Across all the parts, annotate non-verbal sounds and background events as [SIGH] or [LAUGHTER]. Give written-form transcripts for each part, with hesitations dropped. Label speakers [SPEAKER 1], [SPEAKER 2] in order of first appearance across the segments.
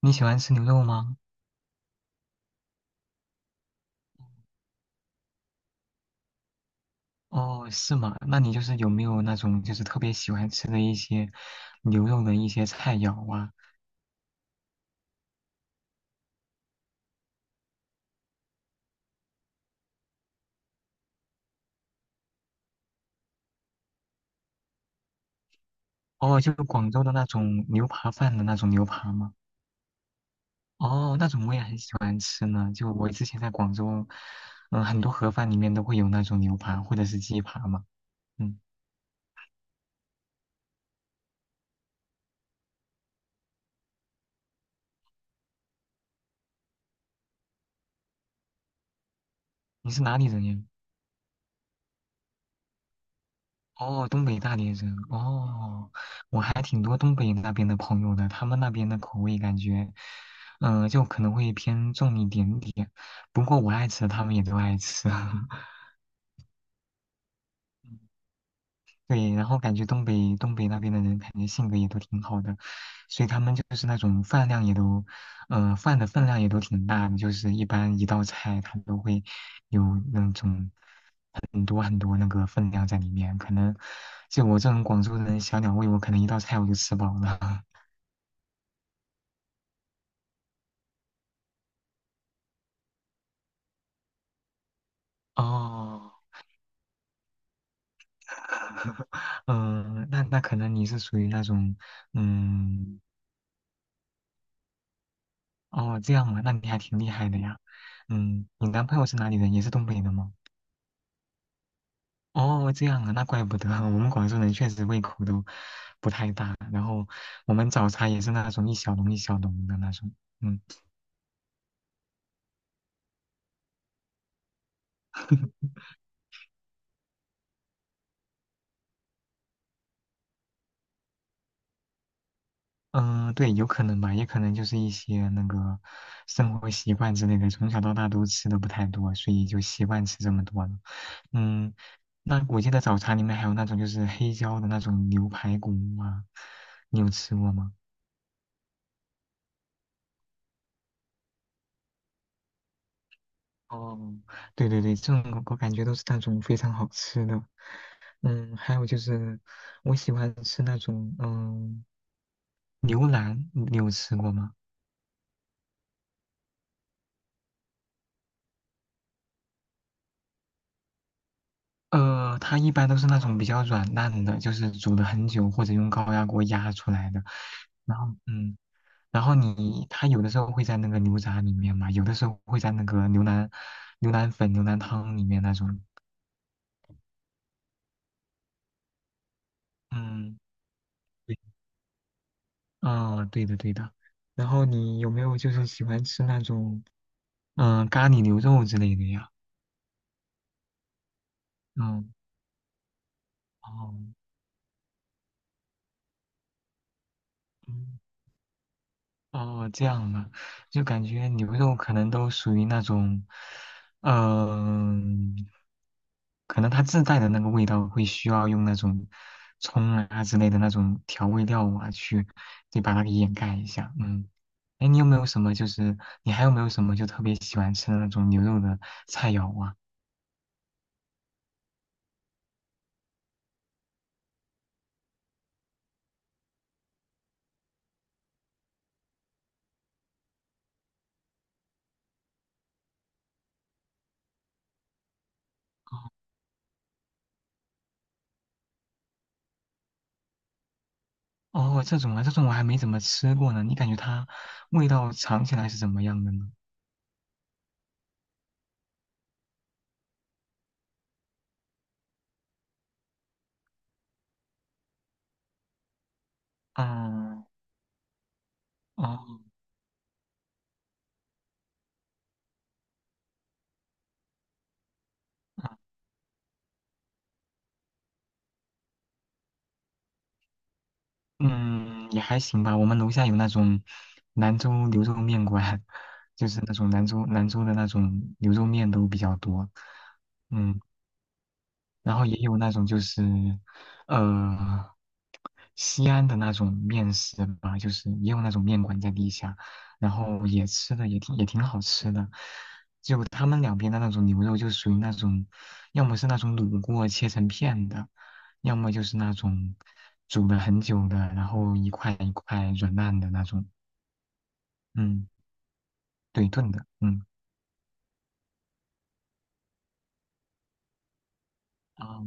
[SPEAKER 1] 你喜欢吃牛肉吗？哦，是吗？那你就是有没有那种就是特别喜欢吃的一些牛肉的一些菜肴啊？哦，就广州的那种牛扒饭的那种牛扒吗？哦，那种我也很喜欢吃呢。就我之前在广州，很多盒饭里面都会有那种牛扒或者是鸡扒嘛。嗯，你是哪里人呀？哦，东北大连人哦，我还挺多东北那边的朋友的，他们那边的口味感觉，就可能会偏重一点点。不过我爱吃，他们也都爱吃。[LAUGHS] 嗯对，然后感觉东北那边的人，感觉性格也都挺好的，所以他们就是那种饭量也都，饭的分量也都挺大的，就是一般一道菜他都会有那种很多很多那个分量在里面，可能就我这种广州人小鸟胃，我可能一道菜我就吃饱了。[LAUGHS] 哦，[LAUGHS] 嗯，那可能你是属于那种，嗯，哦，这样啊，那你还挺厉害的呀。你男朋友是哪里人？也是东北的吗？哦，这样啊，那怪不得 [LAUGHS] 我们广州人确实胃口都不太大，然后我们早茶也是那种一小笼一小笼的那种。嗯 [LAUGHS] 对，有可能吧，也可能就是一些那个生活习惯之类的，从小到大都吃的不太多，所以就习惯吃这么多了。嗯，那我记得早茶里面还有那种就是黑椒的那种牛排骨啊，你有吃过吗？哦，对对对，这种我感觉都是那种非常好吃的。还有就是我喜欢吃那种牛腩，你有吃过吗？它一般都是那种比较软烂的，就是煮了很久或者用高压锅压出来的。然后，嗯，然后你它有的时候会在那个牛杂里面嘛，有的时候会在那个牛腩、牛腩粉、牛腩汤里面那种。嗯，对，嗯，对的，对的。然后你有没有就是喜欢吃那种咖喱牛肉之类的呀？嗯，哦，嗯哦，这样啊，就感觉牛肉可能都属于那种，嗯、可能它自带的那个味道会需要用那种葱啊之类的那种调味料啊去，对，把它给掩盖一下。嗯，哎，你有没有什么就是你还有没有什么就特别喜欢吃的那种牛肉的菜肴啊？哦，这种啊，这种我还没怎么吃过呢。你感觉它味道尝起来是怎么样的呢？嗯，哦。嗯，也还行吧。我们楼下有那种兰州牛肉面馆，[LAUGHS] 就是那种兰州的那种牛肉面都比较多。嗯，然后也有那种就是，呃，西安的那种面食吧，就是也有那种面馆在地下，然后也吃的也挺好吃的。就他们两边的那种牛肉，就属于那种，要么是那种卤过切成片的，要么就是那种煮了很久的，然后一块一块软烂的那种，嗯，对，炖的，嗯。哦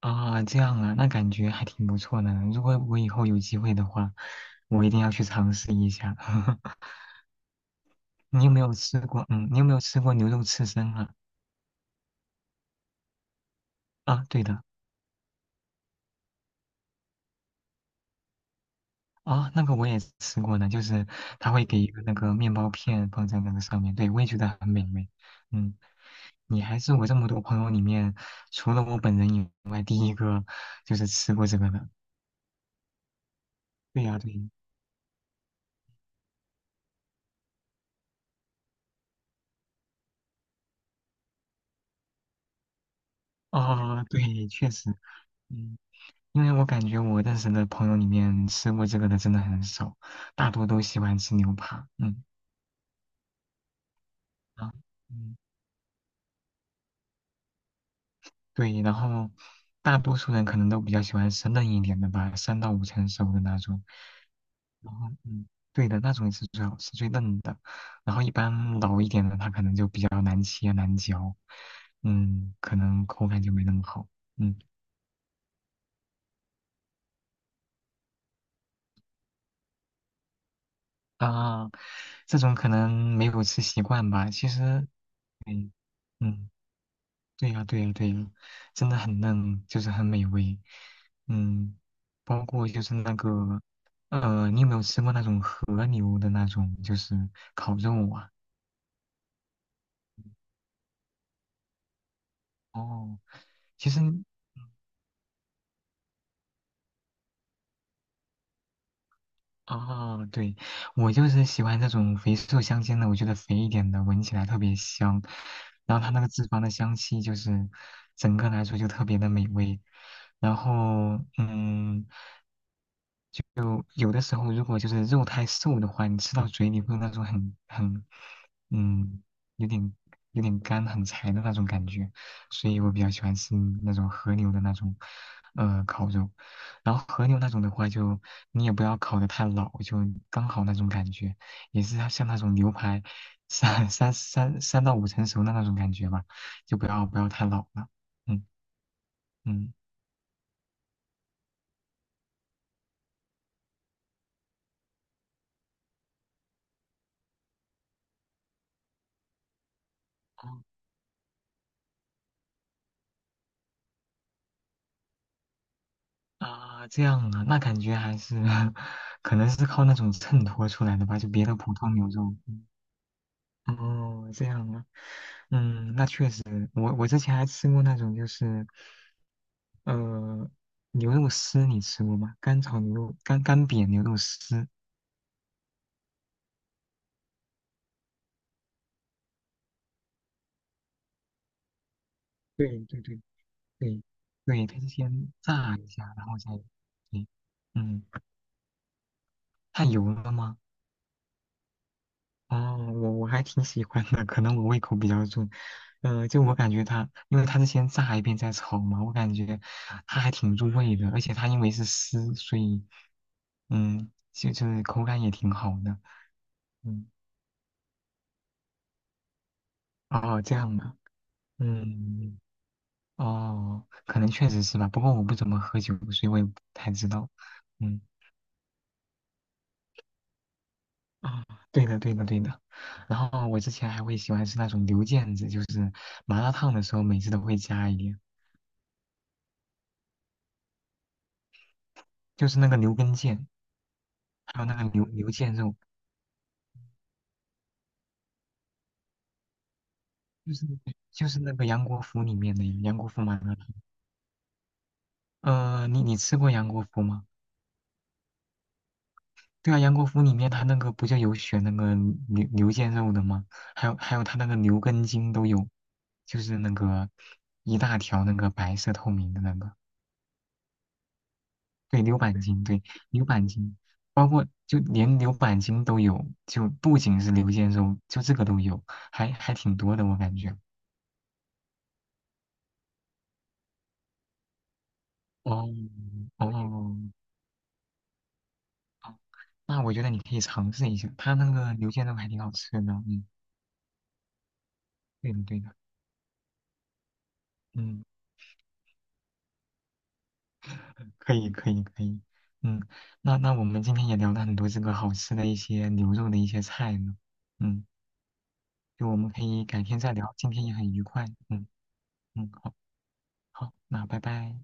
[SPEAKER 1] 啊，这样啊，那感觉还挺不错的。如果我以后有机会的话，我一定要去尝试一下。[LAUGHS] 你有没有吃过？嗯，你有没有吃过牛肉刺身啊？啊，对的，啊，那个我也吃过的，就是他会给一个那个面包片放在那个上面，对，我也觉得很美味。嗯，你还是我这么多朋友里面，除了我本人以外，第一个就是吃过这个的。对呀，对呀，啊，对，确实，嗯。因为我感觉我认识的朋友里面吃过这个的真的很少，大多都喜欢吃牛扒。嗯啊，嗯，对，然后大多数人可能都比较喜欢吃嫩一点的吧，三到五成熟的那种。然后对的，那种是最好吃、最嫩的。然后一般老一点的，它可能就比较难切、难嚼，可能口感就没那么好。嗯啊，这种可能没有吃习惯吧。其实，嗯嗯。对呀，对呀，对呀，真的很嫩，就是很美味。嗯，包括就是那个，你有没有吃过那种和牛的那种，就是烤肉啊？哦，其实，哦，对，我就是喜欢这种肥瘦相间的，我觉得肥一点的闻起来特别香，然后它那个脂肪的香气就是整个来说就特别的美味。然后，嗯。有的时候如果就是肉太瘦的话，你吃到嘴里会有那种很，嗯，有点有点干很柴的那种感觉，所以我比较喜欢吃那种和牛的那种，烤肉。然后和牛那种的话就，你也不要烤得太老，就刚好那种感觉，也是像那种牛排三 [LAUGHS] 三到五成熟的那种感觉吧，就不要太老了。嗯嗯。啊，这样啊，那感觉还是 [LAUGHS] 可能是靠那种衬托出来的吧，就别的普通牛肉。哦，这样啊，那确实，我之前还吃过那种就是，呃，牛肉丝，你吃过吗？干炒牛肉，干煸牛肉丝。对对对对对，它是先炸一下，然后再，对嗯，太油了吗？哦，我还挺喜欢的，可能我胃口比较重。就我感觉它，因为它是先炸一遍再炒嘛，我感觉它还挺入味的，而且它因为是丝，所以就是口感也挺好的。嗯，哦，这样的，嗯，哦，可能确实是吧，不过我不怎么喝酒，所以我也不太知道。嗯，哦，对的，对的，对的。然后我之前还会喜欢吃那种牛腱子，就是麻辣烫的时候每次都会加一点，就是那个牛根腱。还有那个牛腱肉，就是就是那个杨国福里面的杨国福麻辣烫。你吃过杨国福吗？对啊，杨国福里面他那个不就有选那个牛腱肉的吗？还有他那个牛根筋都有，就是那个一大条那个白色透明的那个，对，牛板筋，对，牛板筋，包括就连牛板筋都有，就不仅是牛腱肉，就这个都有，还挺多的我感觉。哦哦。那我觉得你可以尝试一下，它那个牛腱肉还挺好吃的。嗯，对的对的，嗯，可以可以可以，嗯，那我们今天也聊了很多这个好吃的一些牛肉的一些菜呢，嗯，就我们可以改天再聊，今天也很愉快，嗯嗯，好好，那拜拜。